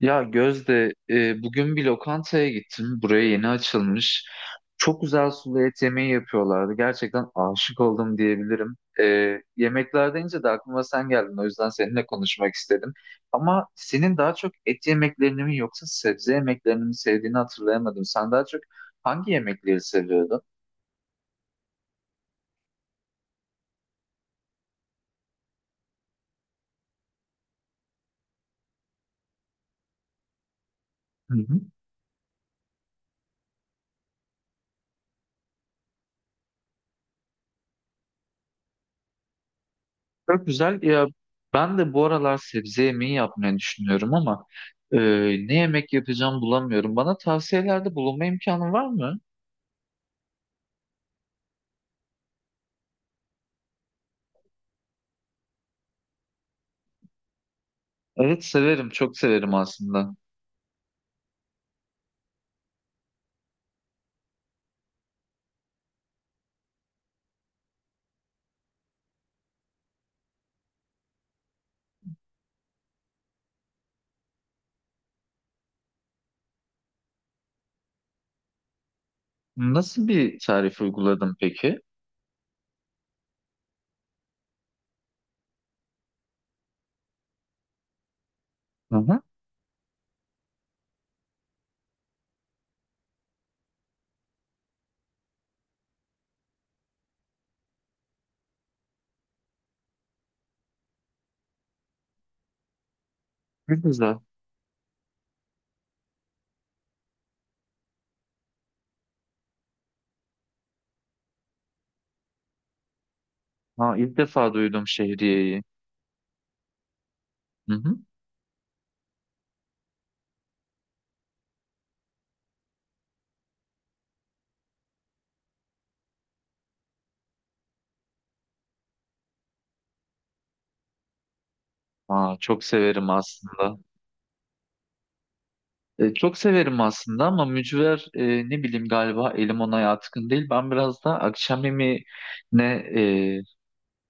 Ya Gözde, bugün bir lokantaya gittim. Buraya yeni açılmış. Çok güzel sulu et yemeği yapıyorlardı. Gerçekten aşık oldum diyebilirim. Yemekler deyince de aklıma sen geldin. O yüzden seninle konuşmak istedim. Ama senin daha çok et yemeklerini mi yoksa sebze yemeklerini mi sevdiğini hatırlayamadım. Sen daha çok hangi yemekleri seviyordun? Hı hı. Çok güzel. Ya ben de bu aralar sebze yemeği yapmayı düşünüyorum ama e, ne yemek yapacağım bulamıyorum. Bana tavsiyelerde bulunma imkanı var mı? Evet severim, çok severim aslında. Nasıl bir tarif uyguladın peki? Hı hı. Çok güzel. Ha, ilk defa duydum şehriyeyi. Hı hı. Aa, çok severim aslında. Çok severim aslında ama mücver ne bileyim galiba elim ona yatkın değil. Ben biraz da akşam yemeğine e,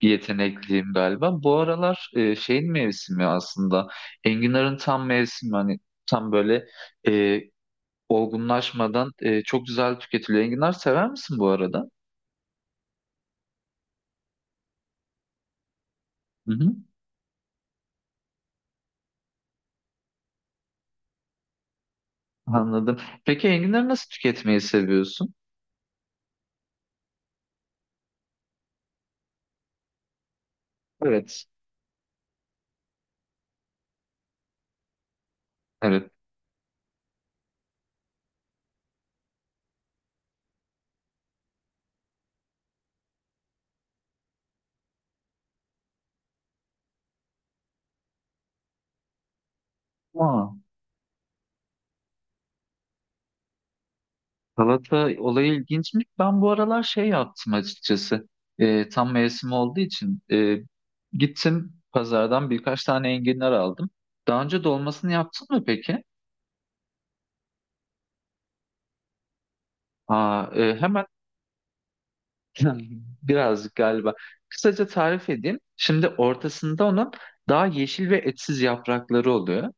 bir yetenekliyim galiba. Bu aralar şeyin mevsimi aslında. Enginar'ın tam mevsimi hani tam böyle e, olgunlaşmadan çok güzel tüketiliyor. Enginar sever misin bu arada? Hı hı, anladım. Peki enginarı nasıl tüketmeyi seviyorsun? Evet. Evet. Aa, salata olayı ilginçmiş. Ben bu aralar şey yaptım açıkçası. Tam mevsim olduğu için gittim pazardan birkaç tane enginar aldım. Daha önce dolmasını yaptın mı peki? Aa, hemen birazcık galiba. Kısaca tarif edeyim. Şimdi ortasında onun daha yeşil ve etsiz yaprakları oluyor.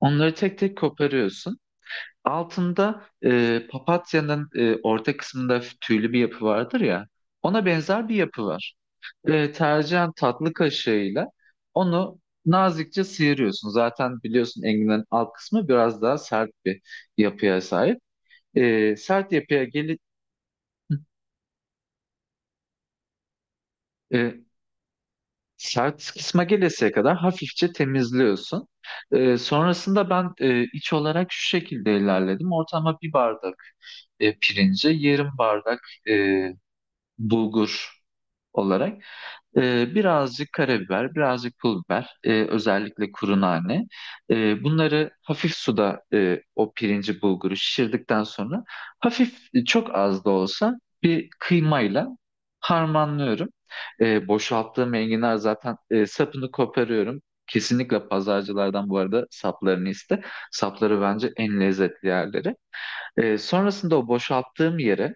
Onları tek tek koparıyorsun. Altında papatyanın orta kısmında tüylü bir yapı vardır ya. Ona benzer bir yapı var. Tercihen tatlı kaşığıyla onu nazikçe sıyırıyorsun. Zaten biliyorsun enginlerin alt kısmı biraz daha sert bir yapıya sahip. E, sert yapıya gelip e, Sert kısma gelesiye kadar hafifçe temizliyorsun. Sonrasında ben iç olarak şu şekilde ilerledim. Ortama bir bardak pirince, yarım bardak e, bulgur olarak birazcık karabiber, birazcık pul biber, özellikle kuru nane. Bunları hafif suda o pirinci bulguru şişirdikten sonra hafif çok az da olsa bir kıymayla harmanlıyorum. Boşalttığım enginar zaten sapını koparıyorum. Kesinlikle pazarcılardan bu arada saplarını iste. Sapları bence en lezzetli yerleri. Sonrasında o boşalttığım yere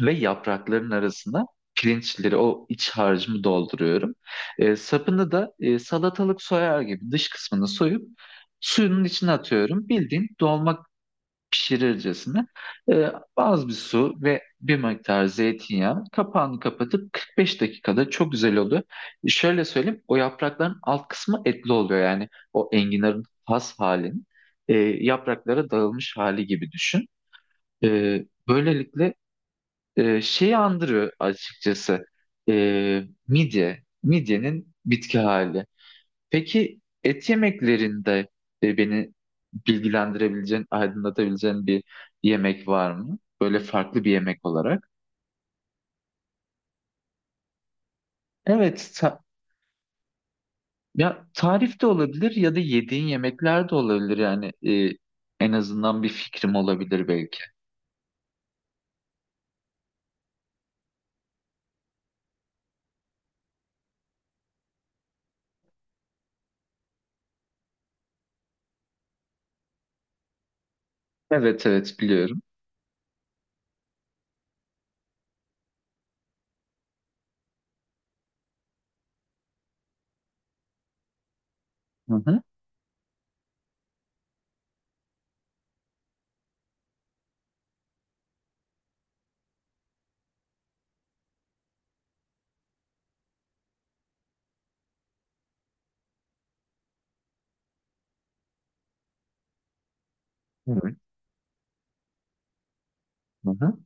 ve yaprakların arasına pirinçleri, o iç harcımı dolduruyorum. Sapını da salatalık soyar gibi dış kısmını soyup suyunun içine atıyorum. Bildiğin dolma pişirircesine e, az bir su ve bir miktar zeytinyağı kapağını kapatıp 45 dakikada çok güzel oluyor. Şöyle söyleyeyim, o yaprakların alt kısmı etli oluyor yani o enginarın has halinin e, yapraklara dağılmış hali gibi düşün. E, böylelikle şeyi andırıyor açıkçası. E, midye. Midyenin bitki hali. Peki et yemeklerinde beni bilgilendirebileceğin, aydınlatabileceğin bir yemek var mı? Böyle farklı bir yemek olarak. Evet. Ya tarif de olabilir ya da yediğin yemekler de olabilir. Yani en azından bir fikrim olabilir belki. Evet evet biliyorum. Hı hı. Evet. Hı hı.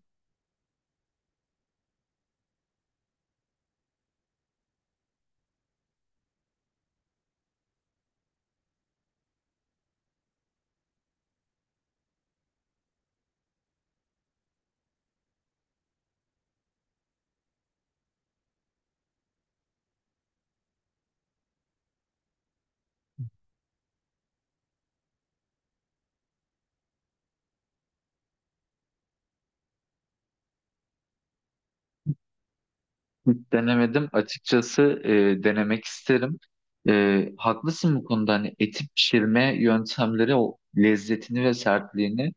Hiç denemedim. Açıkçası denemek isterim. Haklısın bu konuda. Hani eti pişirme yöntemleri o lezzetini ve sertliğini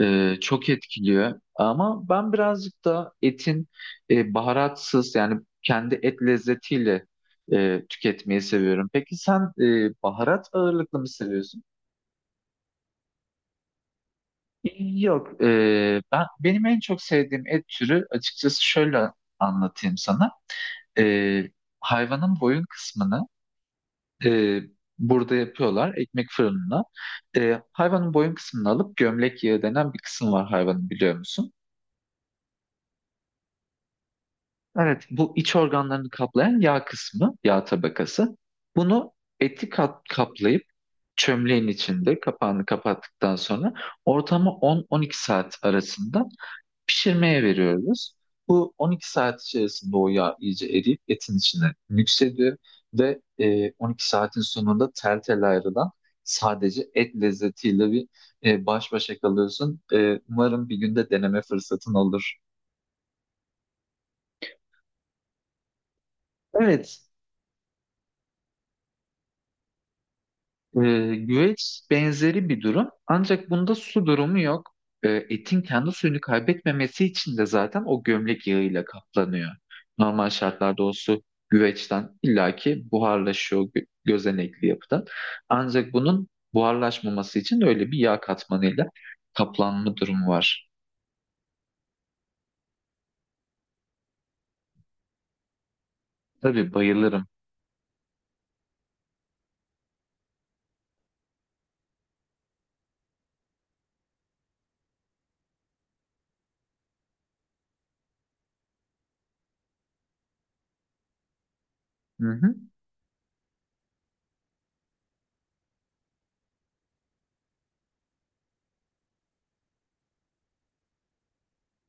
çok etkiliyor. Ama ben birazcık da etin baharatsız yani kendi et lezzetiyle tüketmeyi seviyorum. Peki sen baharat ağırlıklı mı seviyorsun? Yok. Benim en çok sevdiğim et türü açıkçası, şöyle anlatayım sana. E, hayvanın boyun kısmını e, burada yapıyorlar ekmek fırınına. Hayvanın boyun kısmını alıp gömlek yağı denen bir kısım var hayvanın, biliyor musun? Evet, bu iç organlarını kaplayan yağ kısmı, yağ tabakası. Bunu eti kaplayıp çömleğin içinde kapağını kapattıktan sonra ortama 10-12 saat arasında pişirmeye veriyoruz. Bu 12 saat içerisinde o yağ iyice eriyip etin içine nüksediyor ve 12 saatin sonunda tel tel ayrılan sadece et lezzetiyle bir baş başa kalıyorsun. Umarım bir günde deneme fırsatın olur. Evet. Güveç benzeri bir durum. Ancak bunda su durumu yok. Etin kendi suyunu kaybetmemesi için de zaten o gömlek yağıyla kaplanıyor. Normal şartlarda o su güveçten illaki buharlaşıyor, gözenekli yapıdan. Ancak bunun buharlaşmaması için öyle bir yağ katmanıyla kaplanma durumu var. Tabii bayılırım. Hı hı.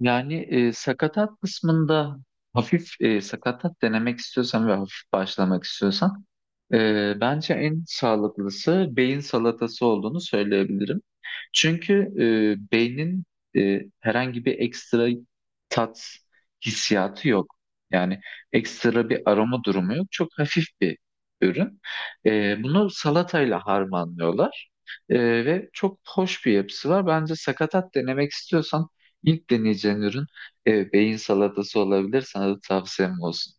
Yani sakatat kısmında hafif sakatat denemek istiyorsan ve hafif başlamak istiyorsan bence en sağlıklısı beyin salatası olduğunu söyleyebilirim. Çünkü beynin herhangi bir ekstra tat hissiyatı yok. Yani ekstra bir aroma durumu yok. Çok hafif bir ürün. Bunu salatayla harmanlıyorlar. Ve çok hoş bir yapısı var. Bence sakatat denemek istiyorsan ilk deneyeceğin ürün beyin salatası olabilir. Sana da tavsiyem olsun.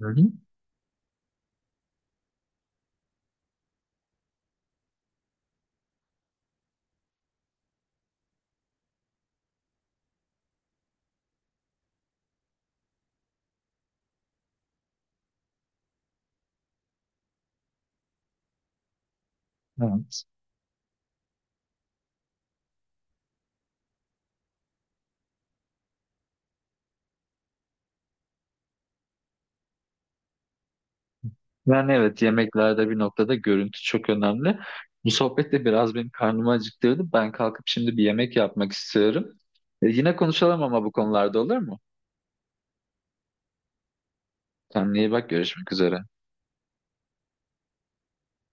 Hı hı. Evet. Yani evet, yemeklerde bir noktada görüntü çok önemli. Bu sohbet de biraz benim karnımı acıktırdı. Ben kalkıp şimdi bir yemek yapmak istiyorum. Yine konuşalım ama bu konularda, olur mu? Kendine iyi bak, görüşmek üzere.